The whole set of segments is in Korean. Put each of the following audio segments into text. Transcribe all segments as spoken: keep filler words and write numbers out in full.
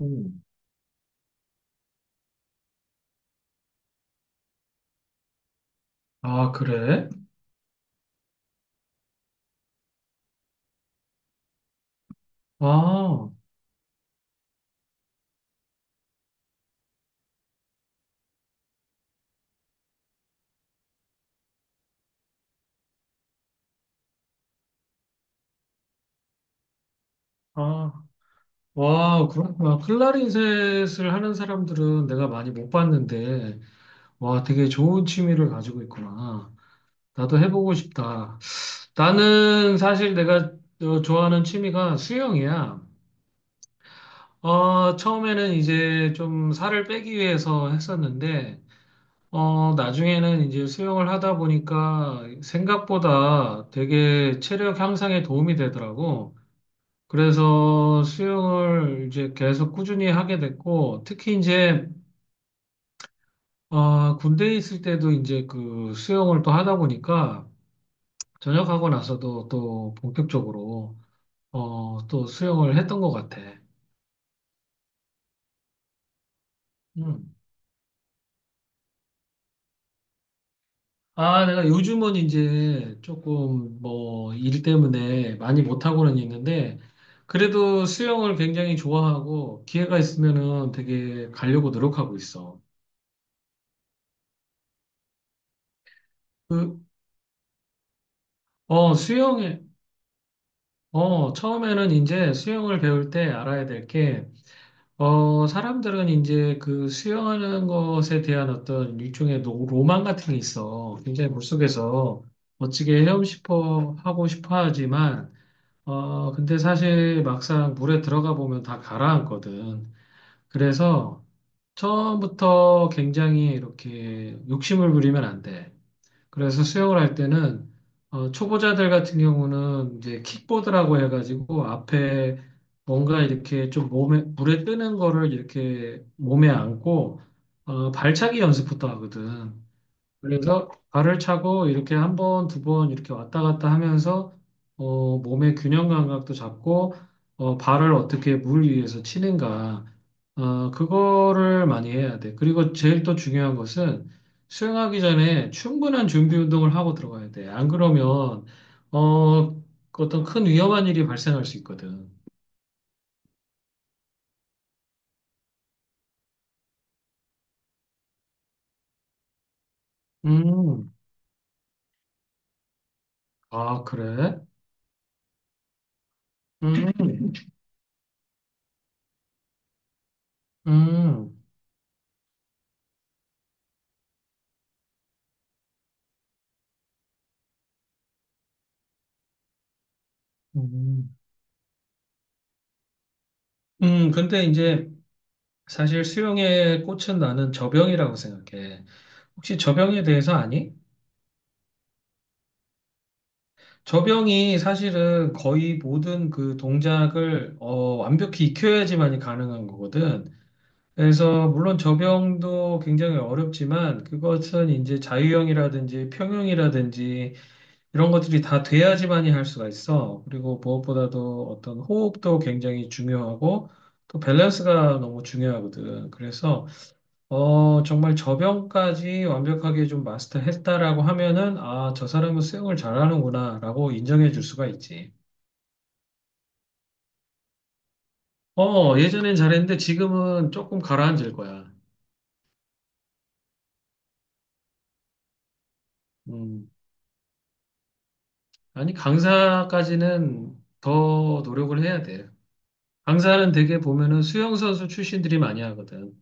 음. 아, 그래? 아, 아, 와, 그렇구나. 클라리넷을 하는 사람들은 내가 많이 못 봤는데, 와, 되게 좋은 취미를 가지고 있구나. 나도 해보고 싶다. 나는 사실 내가 어, 좋아하는 취미가 수영이야. 어, 처음에는 이제 좀 살을 빼기 위해서 했었는데, 어, 나중에는 이제 수영을 하다 보니까 생각보다 되게 체력 향상에 도움이 되더라고. 그래서 수영을 이제 계속 꾸준히 하게 됐고, 특히 이제, 어, 군대에 있을 때도 이제 그 수영을 또 하다 보니까, 전역하고 나서도 또 본격적으로, 어, 또 수영을 했던 것 같아. 음. 아, 내가 요즘은 이제 조금 뭐 일 때문에 많이 못하고는 있는데, 그래도 수영을 굉장히 좋아하고, 기회가 있으면은 되게 가려고 노력하고 있어. 그, 어, 수영에, 어, 처음에는 이제 수영을 배울 때 알아야 될 게, 어, 사람들은 이제 그 수영하는 것에 대한 어떤 일종의 노- 로망 같은 게 있어. 굉장히 물속에서 멋지게 헤엄 싶어 하고 싶어 하지만, 어, 근데 사실 막상 물에 들어가 보면 다 가라앉거든. 그래서 처음부터 굉장히 이렇게 욕심을 부리면 안 돼. 그래서 수영을 할 때는 어, 초보자들 같은 경우는 이제 킥보드라고 해가지고 앞에 뭔가 이렇게 좀 몸에 물에 뜨는 거를 이렇게 몸에 안고 어, 발차기 연습부터 하거든. 그래서 발을 차고 이렇게 한 번, 두 번 이렇게 왔다 갔다 하면서 어, 몸의 균형 감각도 잡고 어, 발을 어떻게 물 위에서 치는가 어, 그거를 많이 해야 돼. 그리고 제일 또 중요한 것은 수영하기 전에 충분한 준비 운동을 하고 들어가야 돼. 안 그러면 어, 그 어떤 큰 위험한 일이 발생할 수 있거든. 음, 아, 그래? 음, 음, 음. 음, 근데 이제 사실 수영의 꽃은 나는 저병이라고 생각해. 혹시 저병에 대해서 아니? 저병이 사실은 거의 모든 그 동작을 어, 완벽히 익혀야지만이 가능한 거거든. 그래서 물론 저병도 굉장히 어렵지만 그것은 이제 자유형이라든지 평형이라든지 이런 것들이 다 돼야지만이 할 수가 있어. 그리고 무엇보다도 어떤 호흡도 굉장히 중요하고 또 밸런스가 너무 중요하거든. 그래서 어, 정말 저변까지 완벽하게 좀 마스터했다라고 하면은, 아, 저 사람은 수영을 잘하는구나라고 인정해 줄 수가 있지. 어, 예전엔 잘했는데 지금은 조금 가라앉을 거야. 음, 아니, 강사까지는 더 노력을 해야 돼. 강사는 되게 보면은 수영선수 출신들이 많이 하거든.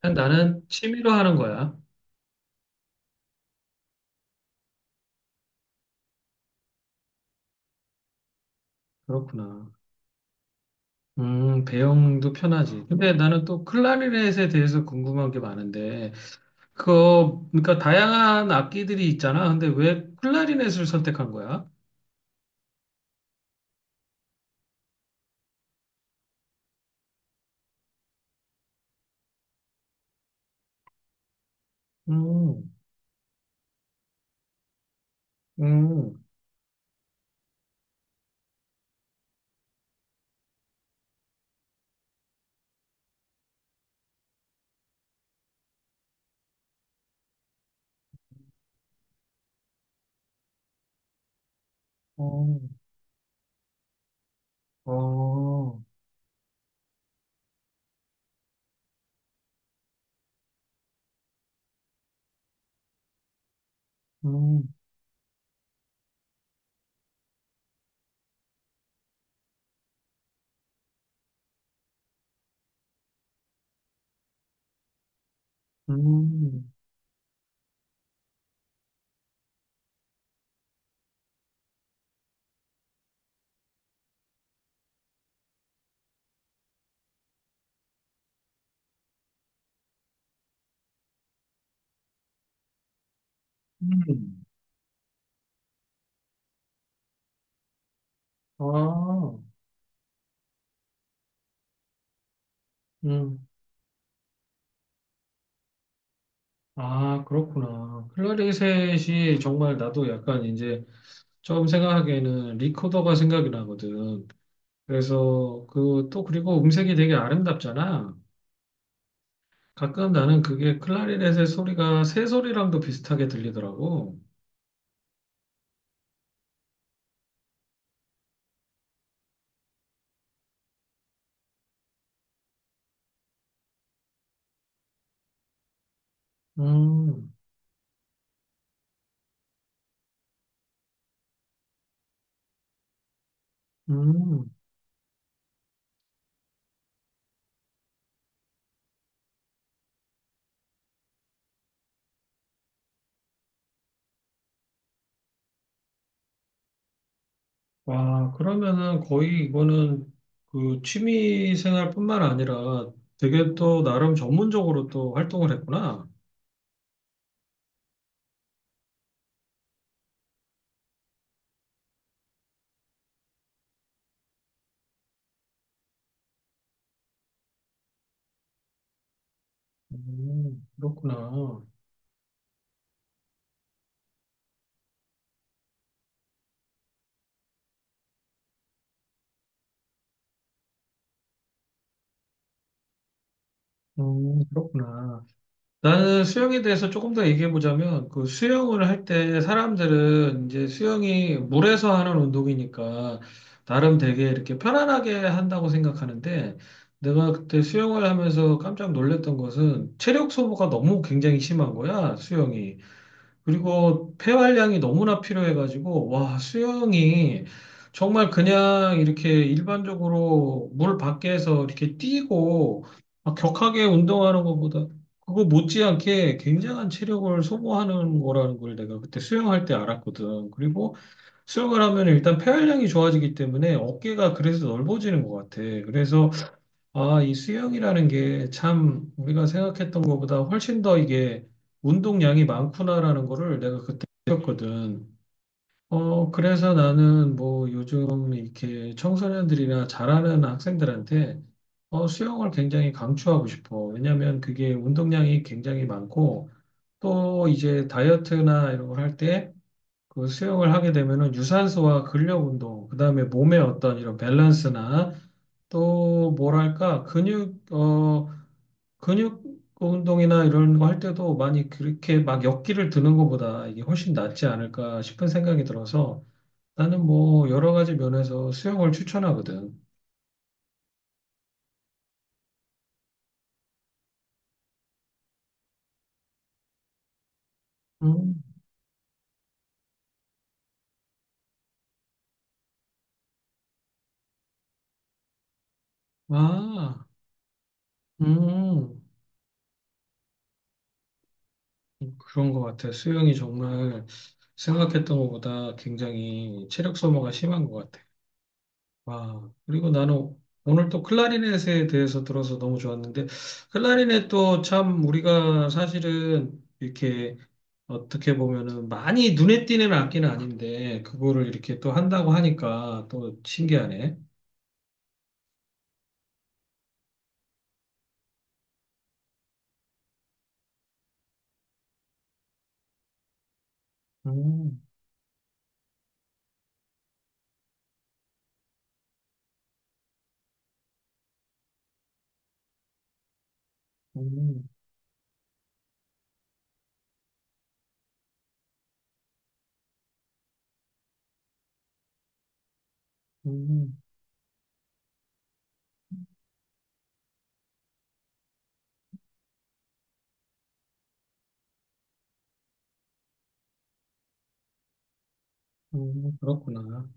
그냥 나는 취미로 하는 거야. 그렇구나. 음, 배영도 편하지. 근데 나는 또 클라리넷에 대해서 궁금한 게 많은데, 그, 그러니까 다양한 악기들이 있잖아. 근데 왜 클라리넷을 선택한 거야? 음, 음, 어, 어, 음, 음, 음. 아, 음, 아, 그렇구나. 클라리넷이 정말 나도 약간 이제 처음 생각하기에는 리코더가 생각이 나거든. 그래서 그 또 그리고 음색이 되게 아름답잖아. 가끔 나는 그게 클라리넷의 소리가 새 소리랑도 비슷하게 들리더라고. 음. 음, 와, 그러면은 거의 이거는 그 취미 생활뿐만 아니라 되게 또 나름 전문적으로 또 활동을 했구나. 음, 그렇구나. 음, 그렇구나. 나는 수영에 대해서 조금 더 얘기해 보자면 그 수영을 할 때 사람들은 이제 수영이 물에서 하는 운동이니까 나름 되게 이렇게 편안하게 한다고 생각하는데 내가 그때 수영을 하면서 깜짝 놀랐던 것은 체력 소모가 너무 굉장히 심한 거야, 수영이. 그리고 폐활량이 너무나 필요해가지고, 와, 수영이 정말 그냥 이렇게 일반적으로 물 밖에서 이렇게 뛰고 막 격하게 운동하는 것보다 그거 못지않게 굉장한 체력을 소모하는 거라는 걸 내가 그때 수영할 때 알았거든. 그리고 수영을 하면 일단 폐활량이 좋아지기 때문에 어깨가 그래서 넓어지는 것 같아. 그래서 아, 이 수영이라는 게 참 우리가 생각했던 것보다 훨씬 더 이게 운동량이 많구나라는 거를 내가 그때 느꼈거든. 어, 그래서 나는 뭐 요즘 이렇게 청소년들이나 잘하는 학생들한테 어, 수영을 굉장히 강추하고 싶어. 왜냐면 그게 운동량이 굉장히 많고 또 이제 다이어트나 이런 걸할때 그 수영을 하게 되면은 유산소와 근력 운동, 그다음에 몸의 어떤 이런 밸런스나 또 뭐랄까 근육 어 근육 운동이나 이런 거 할 때도 많이 그렇게 막 역기를 드는 것보다 이게 훨씬 낫지 않을까 싶은 생각이 들어서 나는 뭐 여러 가지 면에서 수영을 추천하거든. 음, 아, 음, 그런 것 같아. 수영이 정말 생각했던 것보다 굉장히 체력 소모가 심한 것 같아. 아, 그리고 나는 오늘 또 클라리넷에 대해서 들어서 너무 좋았는데, 클라리넷도 참 우리가 사실은 이렇게 어떻게 보면은 많이 눈에 띄는 악기는 아닌데, 그거를 이렇게 또 한다고 하니까 또 신기하네. 음, 음, 음, 음, 그렇구나.